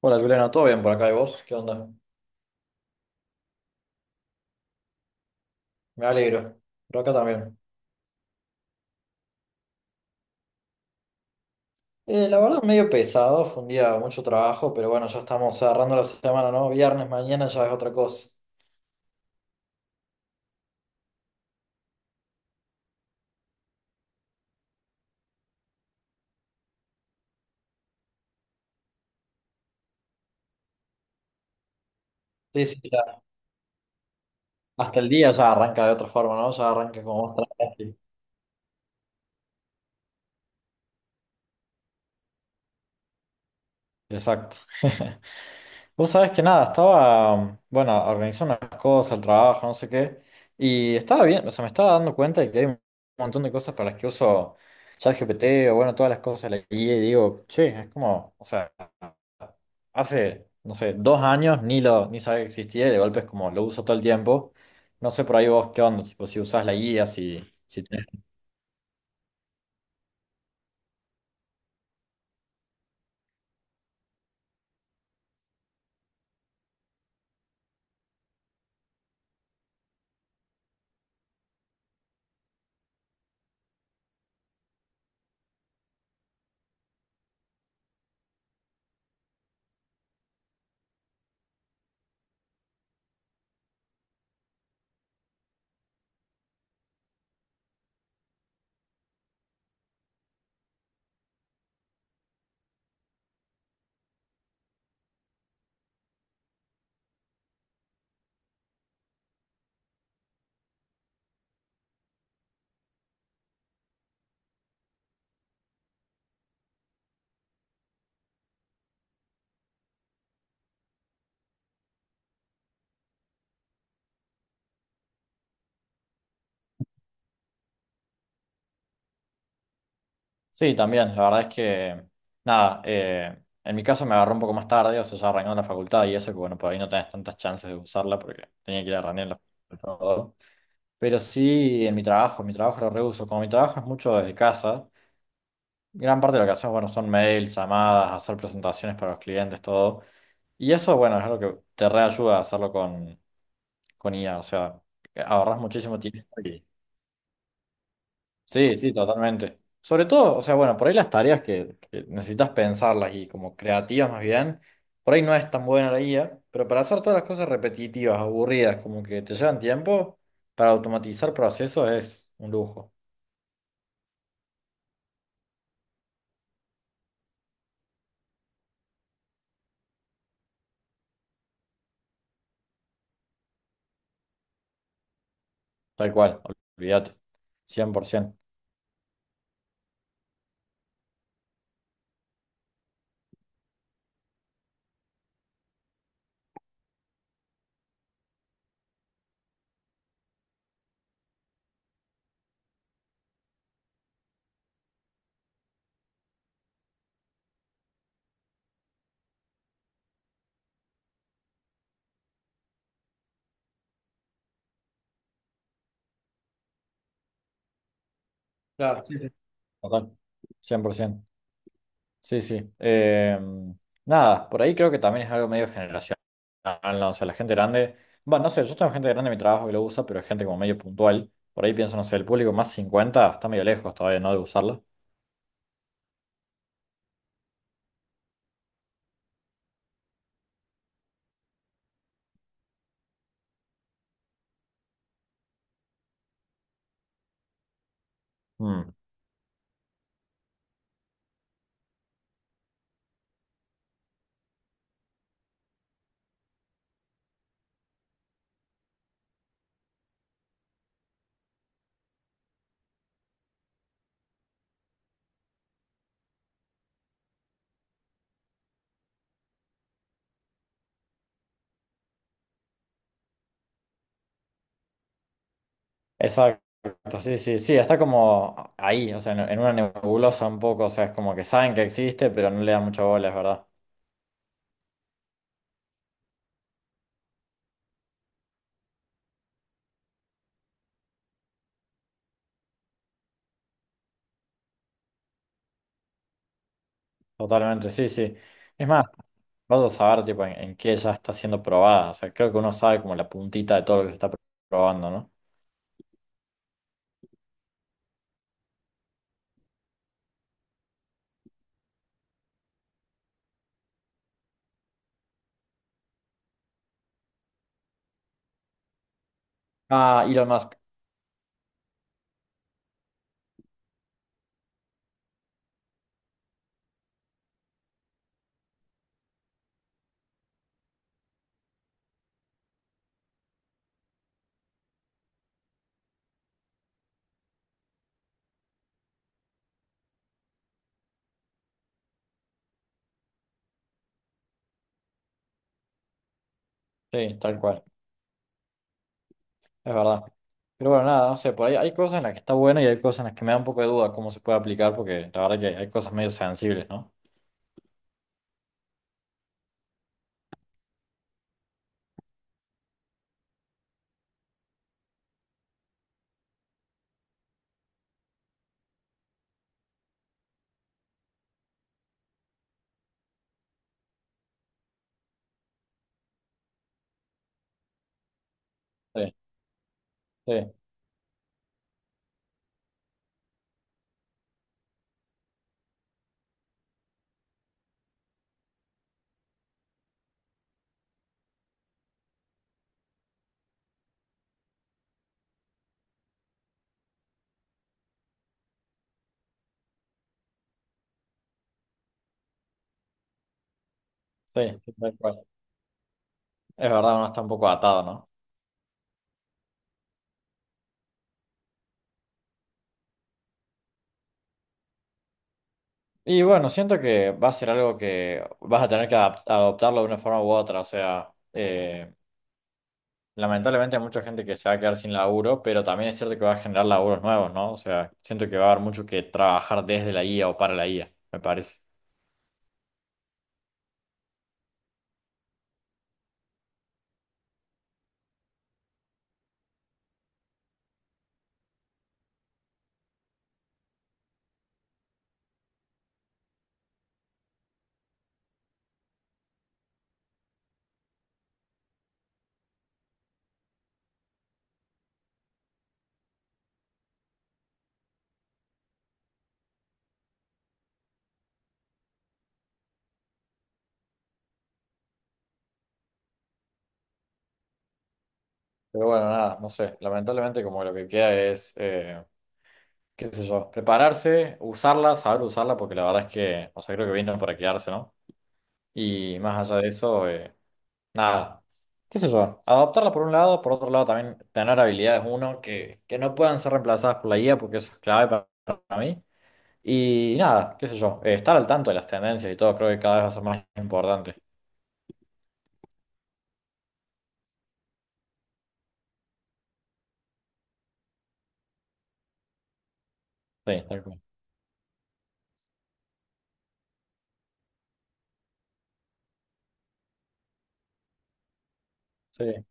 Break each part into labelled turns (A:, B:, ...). A: Hola Juliana, ¿todo bien por acá y vos? ¿Qué onda? Me alegro. Por acá también. La verdad, medio pesado, fue un día de mucho trabajo, pero bueno, ya estamos agarrando la semana, ¿no? Viernes, mañana ya es otra cosa. Sí, sí, ya. Hasta el día ya arranca de otra forma, ¿no? Ya arranca como vos trabajaste. Exacto. Vos sabés que nada, estaba, bueno, organizando unas cosas, el trabajo, no sé qué, y estaba bien, o sea, me estaba dando cuenta de que hay un montón de cosas para las que uso ChatGPT o bueno, todas las cosas de la IA y digo, che, es como, o sea, hace, no sé, dos años ni sabía que existía y de golpe es como lo uso todo el tiempo. No sé por ahí vos qué onda, tipo, si usás la IA, si. Sí, también, la verdad es que, nada, en mi caso me agarró un poco más tarde, o sea, ya arrancó en la facultad y eso, que bueno, por ahí no tenés tantas chances de usarla porque tenía que ir a rendir en la facultad. Pero sí, en mi trabajo, lo reuso. Como mi trabajo es mucho desde casa, gran parte de lo que hacemos, bueno, son mails, llamadas, hacer presentaciones para los clientes, todo. Y eso, bueno, es algo que te reayuda a hacerlo con IA, o sea, ahorras muchísimo tiempo. Sí, sí, totalmente. Sobre todo, o sea, bueno, por ahí las tareas que necesitas pensarlas y como creativas más bien, por ahí no es tan buena la guía, pero para hacer todas las cosas repetitivas, aburridas, como que te llevan tiempo, para automatizar procesos es un lujo. Tal cual, olvídate. 100%. Claro. Sí, sí. Total. 100%. Sí, sí. Nada, por ahí creo que también es algo medio generacional, ¿no? O sea, la gente grande, bueno, no sé, yo tengo gente grande en mi trabajo que lo usa, pero es gente como medio puntual. Por ahí pienso, no sé, el público más 50 está medio lejos todavía, ¿no? De usarla. Mm. Exacto, sí, sí, sí, está como ahí, o sea, en, una nebulosa un poco, o sea, es como que saben que existe, pero no le dan mucha bola, es verdad. Totalmente, sí, sí. Es más, vas a saber, tipo, en qué ya está siendo probada, o sea, creo que uno sabe como la puntita de todo lo que se está probando, ¿no? Ah, Elon Musk, sí, tal cual, es verdad. Pero bueno, nada, no sé, por ahí hay cosas en las que está bueno y hay cosas en las que me da un poco de duda cómo se puede aplicar, porque la verdad que hay cosas medio sensibles, ¿no? Sí, sí, sí, sí, tal cual. Es verdad, uno está un poco atado, ¿no? Y bueno, siento que va a ser algo que vas a tener que adoptarlo de una forma u otra, o sea, lamentablemente hay mucha gente que se va a quedar sin laburo, pero también es cierto que va a generar laburos nuevos, ¿no? O sea, siento que va a haber mucho que trabajar desde la IA o para la IA, me parece. Pero bueno, nada, no sé. Lamentablemente como lo que queda es, qué sé yo, prepararse, usarla, saber usarla, porque la verdad es que, o sea, creo que vino para quedarse, ¿no? Y más allá de eso, nada, qué sé yo, adaptarla por un lado, por otro lado también tener habilidades, uno, que no puedan ser reemplazadas por la IA, porque eso es clave para mí. Y nada, qué sé yo, estar al tanto de las tendencias y todo creo que cada vez va a ser más importante. Sí, tal cual. Sí, es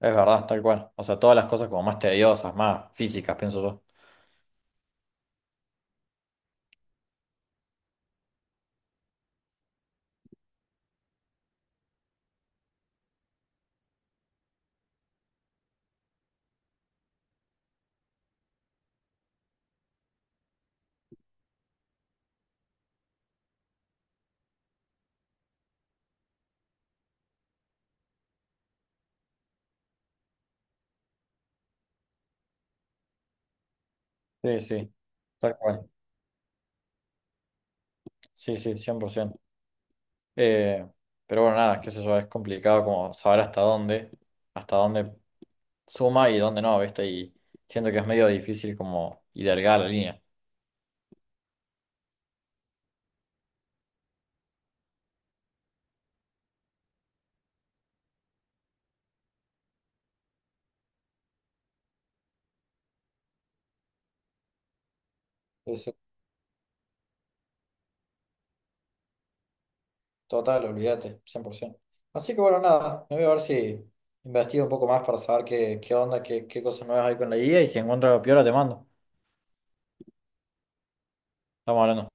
A: verdad, tal cual. O sea, todas las cosas como más tediosas, más físicas, pienso yo. Sí, sí, tal cual. Sí, sí, 100%. Eh, pero bueno, nada, qué sé yo, es complicado como saber hasta dónde, suma y dónde no, ¿viste? Y siento que es medio difícil como hilargar la línea. Sí, sí. Total, olvídate, 100%. Así que bueno, nada, me voy a ver si investigo un poco más para saber qué, qué, onda, qué cosas nuevas hay con la guía y si encuentro algo piola te mando. Estamos hablando.